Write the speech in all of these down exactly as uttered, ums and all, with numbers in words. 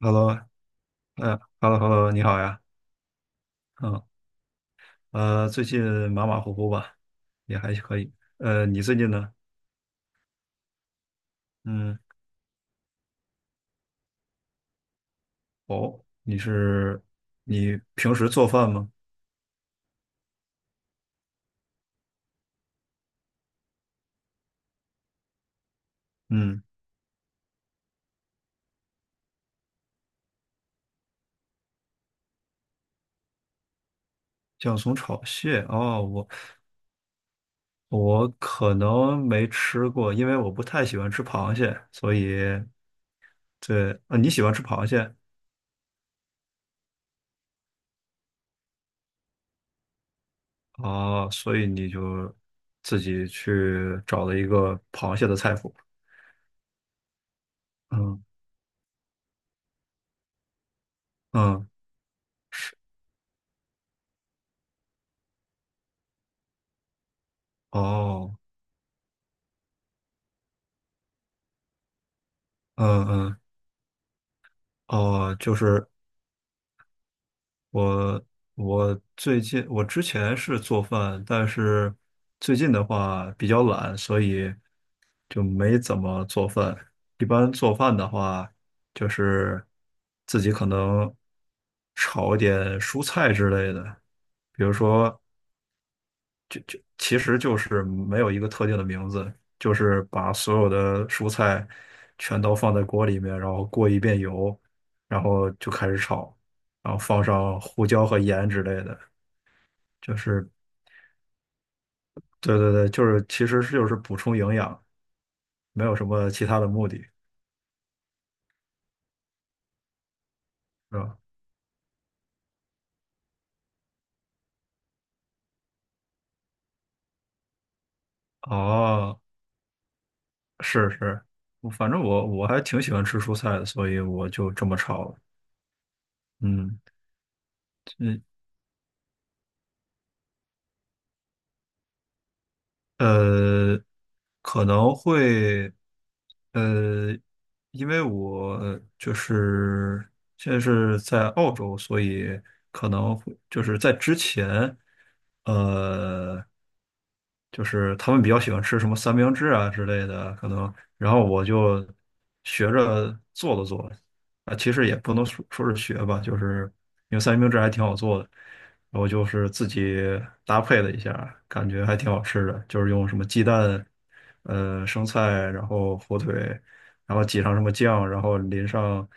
Hello，嗯，Hello，Hello，你好呀。嗯。呃，最近马马虎虎吧，也还可以。呃，你最近呢？嗯。哦，你是你平时做饭吗？嗯。酱松炒蟹。哦，我我可能没吃过，因为我不太喜欢吃螃蟹，所以对。啊，你喜欢吃螃蟹？哦，所以你就自己去找了一个螃蟹的菜谱。嗯嗯，是。哦，嗯嗯。哦，就是我，我最近我之前是做饭，但是最近的话比较懒，所以就没怎么做饭。一般做饭的话，就是自己可能炒一点蔬菜之类的，比如说其实就是没有一个特定的名字，就是把所有的蔬菜全都放在锅里面，然后过一遍油，然后就开始炒，然后放上胡椒和盐之类的。就是对对对，就是其实是就是补充营养，没有什么其他的目的，是吧？哦，是是。我反正我我还挺喜欢吃蔬菜的，所以我就这么炒了。嗯。呃，可能会。呃，因为我就是现在是在澳洲，所以可能会就是在之前，呃，就是他们比较喜欢吃什么三明治啊之类的，可能，然后我就学着做了做。啊，其实也不能说说是学吧，就是因为三明治还挺好做的，然后就是自己搭配了一下，感觉还挺好吃的，就是用什么鸡蛋、呃生菜，然后火腿，然后挤上什么酱，然后淋上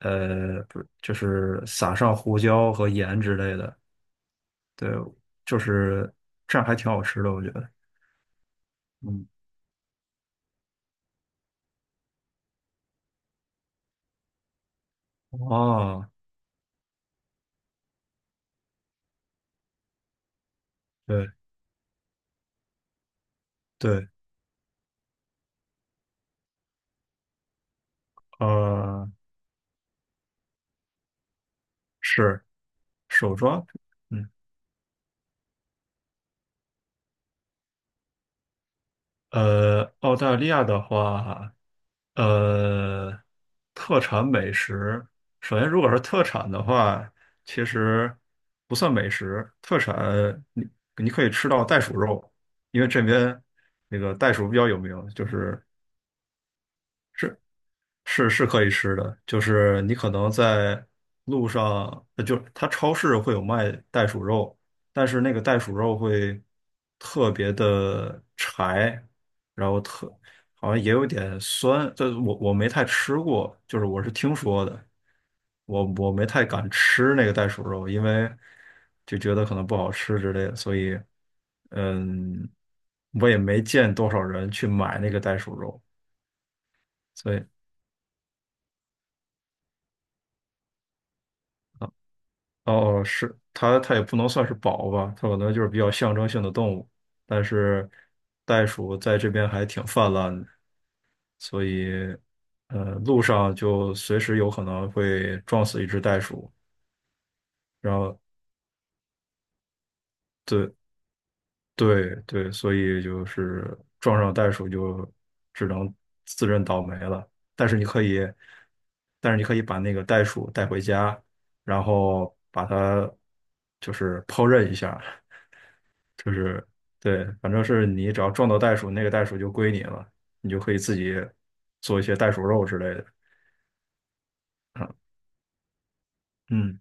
呃不是就是撒上胡椒和盐之类的。对，就是这样还挺好吃的，我觉得。嗯。哦，对对，呃，是手抓饼。嗯。呃，澳大利亚的话，呃，特产美食，首先如果是特产的话，其实不算美食，特产你你可以吃到袋鼠肉，因为这边那个袋鼠比较有名。就是这是是可以吃的，就是你可能在路上，呃就是它超市会有卖袋鼠肉，但是那个袋鼠肉会特别的柴，然后特好像也有点酸。这我我没太吃过，就是我是听说的，我我没太敢吃那个袋鼠肉，因为就觉得可能不好吃之类的，所以嗯，我也没见多少人去买那个袋鼠肉，所以。哦哦。是它，它也不能算是宝吧，它可能就是比较象征性的动物。但是袋鼠在这边还挺泛滥的，所以呃，路上就随时有可能会撞死一只袋鼠。然后对对对，所以就是撞上袋鼠就只能自认倒霉了。但是你可以，但是你可以把那个袋鼠带回家，然后把它就是烹饪一下。就是对，反正是你只要撞到袋鼠，那个袋鼠就归你了，你就可以自己做一些袋鼠肉之类的。嗯嗯。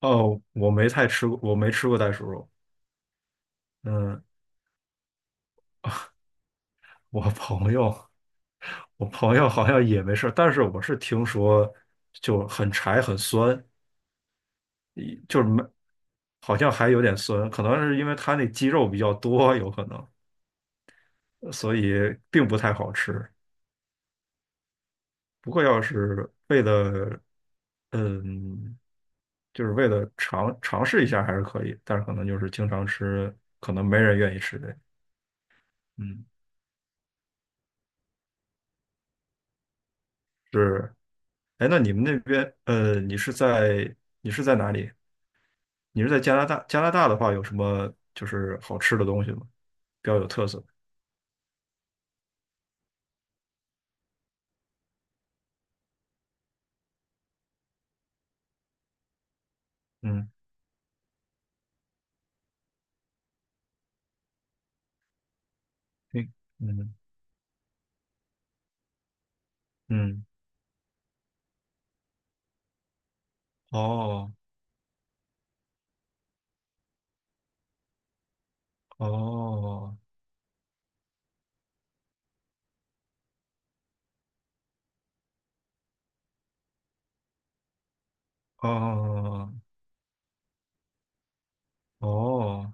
哦，我没太吃过，我没吃过袋鼠肉。嗯。我朋友，我朋友好像也没事，但是我是听说就很柴很酸。一就是没，好像还有点酸，可能是因为它那肌肉比较多，有可能，所以并不太好吃。不过要是为了，嗯。就是为了尝尝试一下还是可以，但是可能就是经常吃，可能没人愿意吃呗。嗯，是。哎，那你们那边，呃，你是在你是在哪里？你是在加拿大？加拿大的话，有什么就是好吃的东西吗？比较有特色的。嗯，对，嗯嗯，哦哦哦哦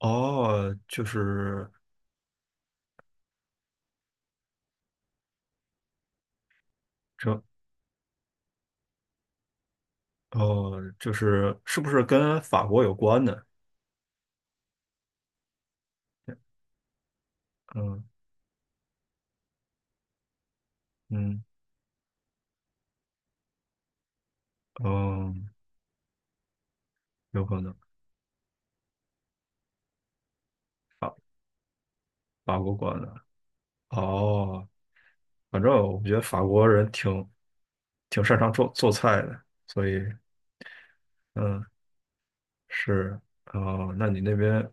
哦。就是这哦，就是是不是跟法国有关的？嗯嗯。哦，有可能。法法国管的。哦。反正我觉得法国人挺挺擅长做做菜的，所以嗯是。哦。那你那边，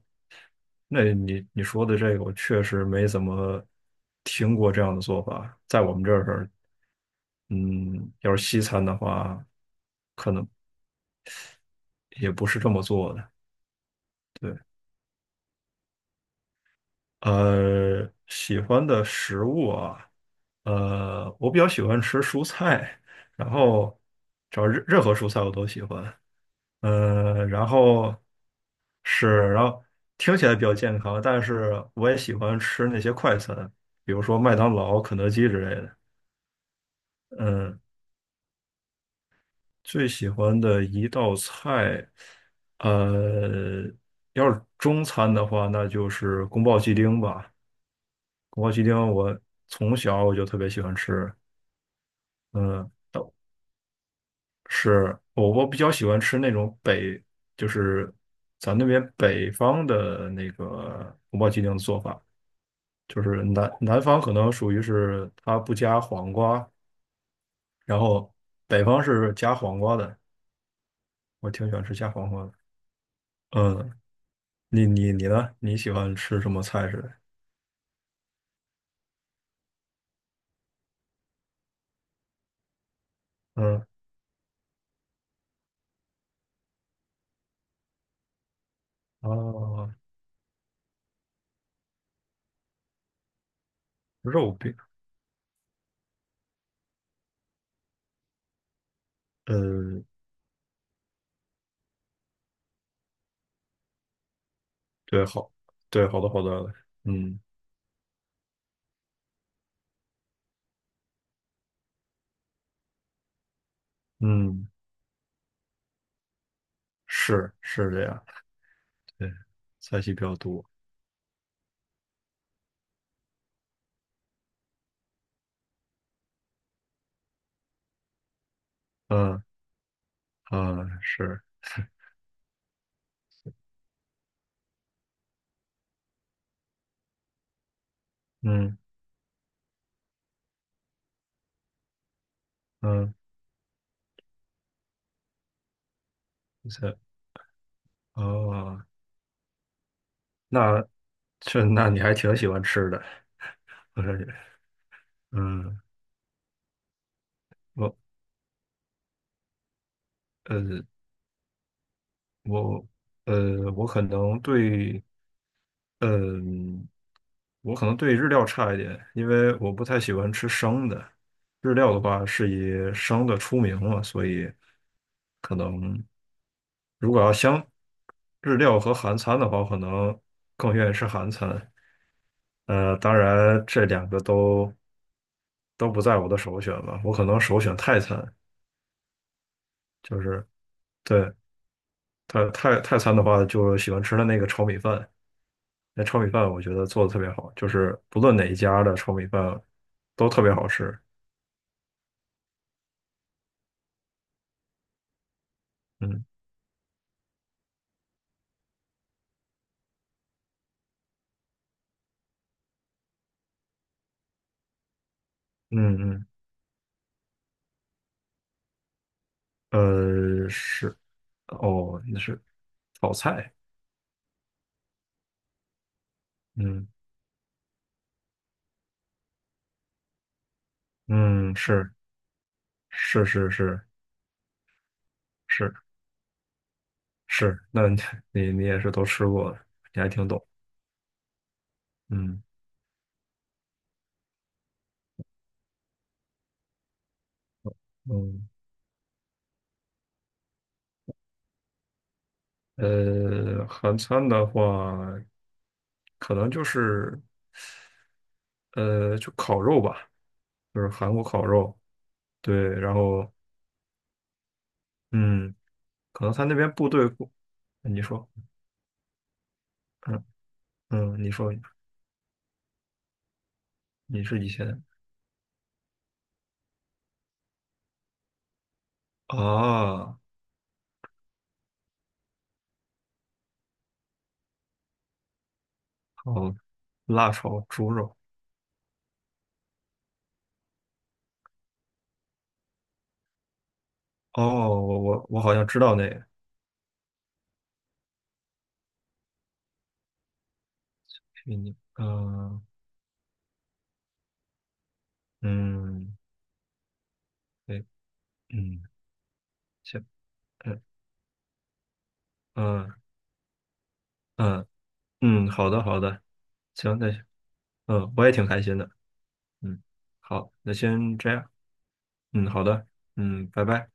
那你你说的这个，我确实没怎么听过这样的做法。在我们这儿，嗯，要是西餐的话，可能也不是这么做的。对。呃，喜欢的食物啊，呃，我比较喜欢吃蔬菜，然后只要任任何蔬菜我都喜欢。呃，然后是，然后听起来比较健康，但是我也喜欢吃那些快餐，比如说麦当劳、肯德基之类的。嗯。最喜欢的一道菜，呃，要是中餐的话，那就是宫保鸡丁吧。宫保鸡丁我从小我就特别喜欢吃。嗯。是我我比较喜欢吃那种北，就是咱那边北方的那个宫保鸡丁的做法，就是南南方可能属于是它不加黄瓜，然后北方是加黄瓜的，我挺喜欢吃加黄瓜的。嗯。你你你呢？你喜欢吃什么菜式的？嗯，哦，肉饼。嗯，对，好，对，好的好的。嗯嗯，是是这样。对，菜系比较多。嗯嗯，是。嗯嗯，赛。哦，那这那你还挺喜欢吃的，我感觉。嗯。我呃呃，我可能对。嗯。我可能对日料差一点，因为我不太喜欢吃生的。日料的话是以生的出名嘛，所以可能如果要相日料和韩餐的话，我可能更愿意吃韩餐。呃，当然这两个都都不在我的首选吧，我可能首选泰餐。就是对泰泰泰餐的话，就喜欢吃的那个炒米饭。那炒米饭我觉得做的特别好，就是不论哪一家的炒米饭都特别好吃。嗯。嗯嗯。呃，是。哦，那是炒菜。嗯嗯，是是是是是是。那你你你也是都吃过的，你还挺懂。嗯嗯。呃，韩餐的话，可能就是呃，就烤肉吧，就是韩国烤肉。对。然后嗯，可能他那边部队过。你说。嗯嗯。你说你是以前啊。好，辣炒猪肉。哦，我我我好像知道那个黑泥。嗯。嗯，对。嗯，行。嗯嗯嗯嗯，好的好的。行，那行。嗯，我也挺开心的。嗯，好，那先这样。嗯，好的。嗯，拜拜。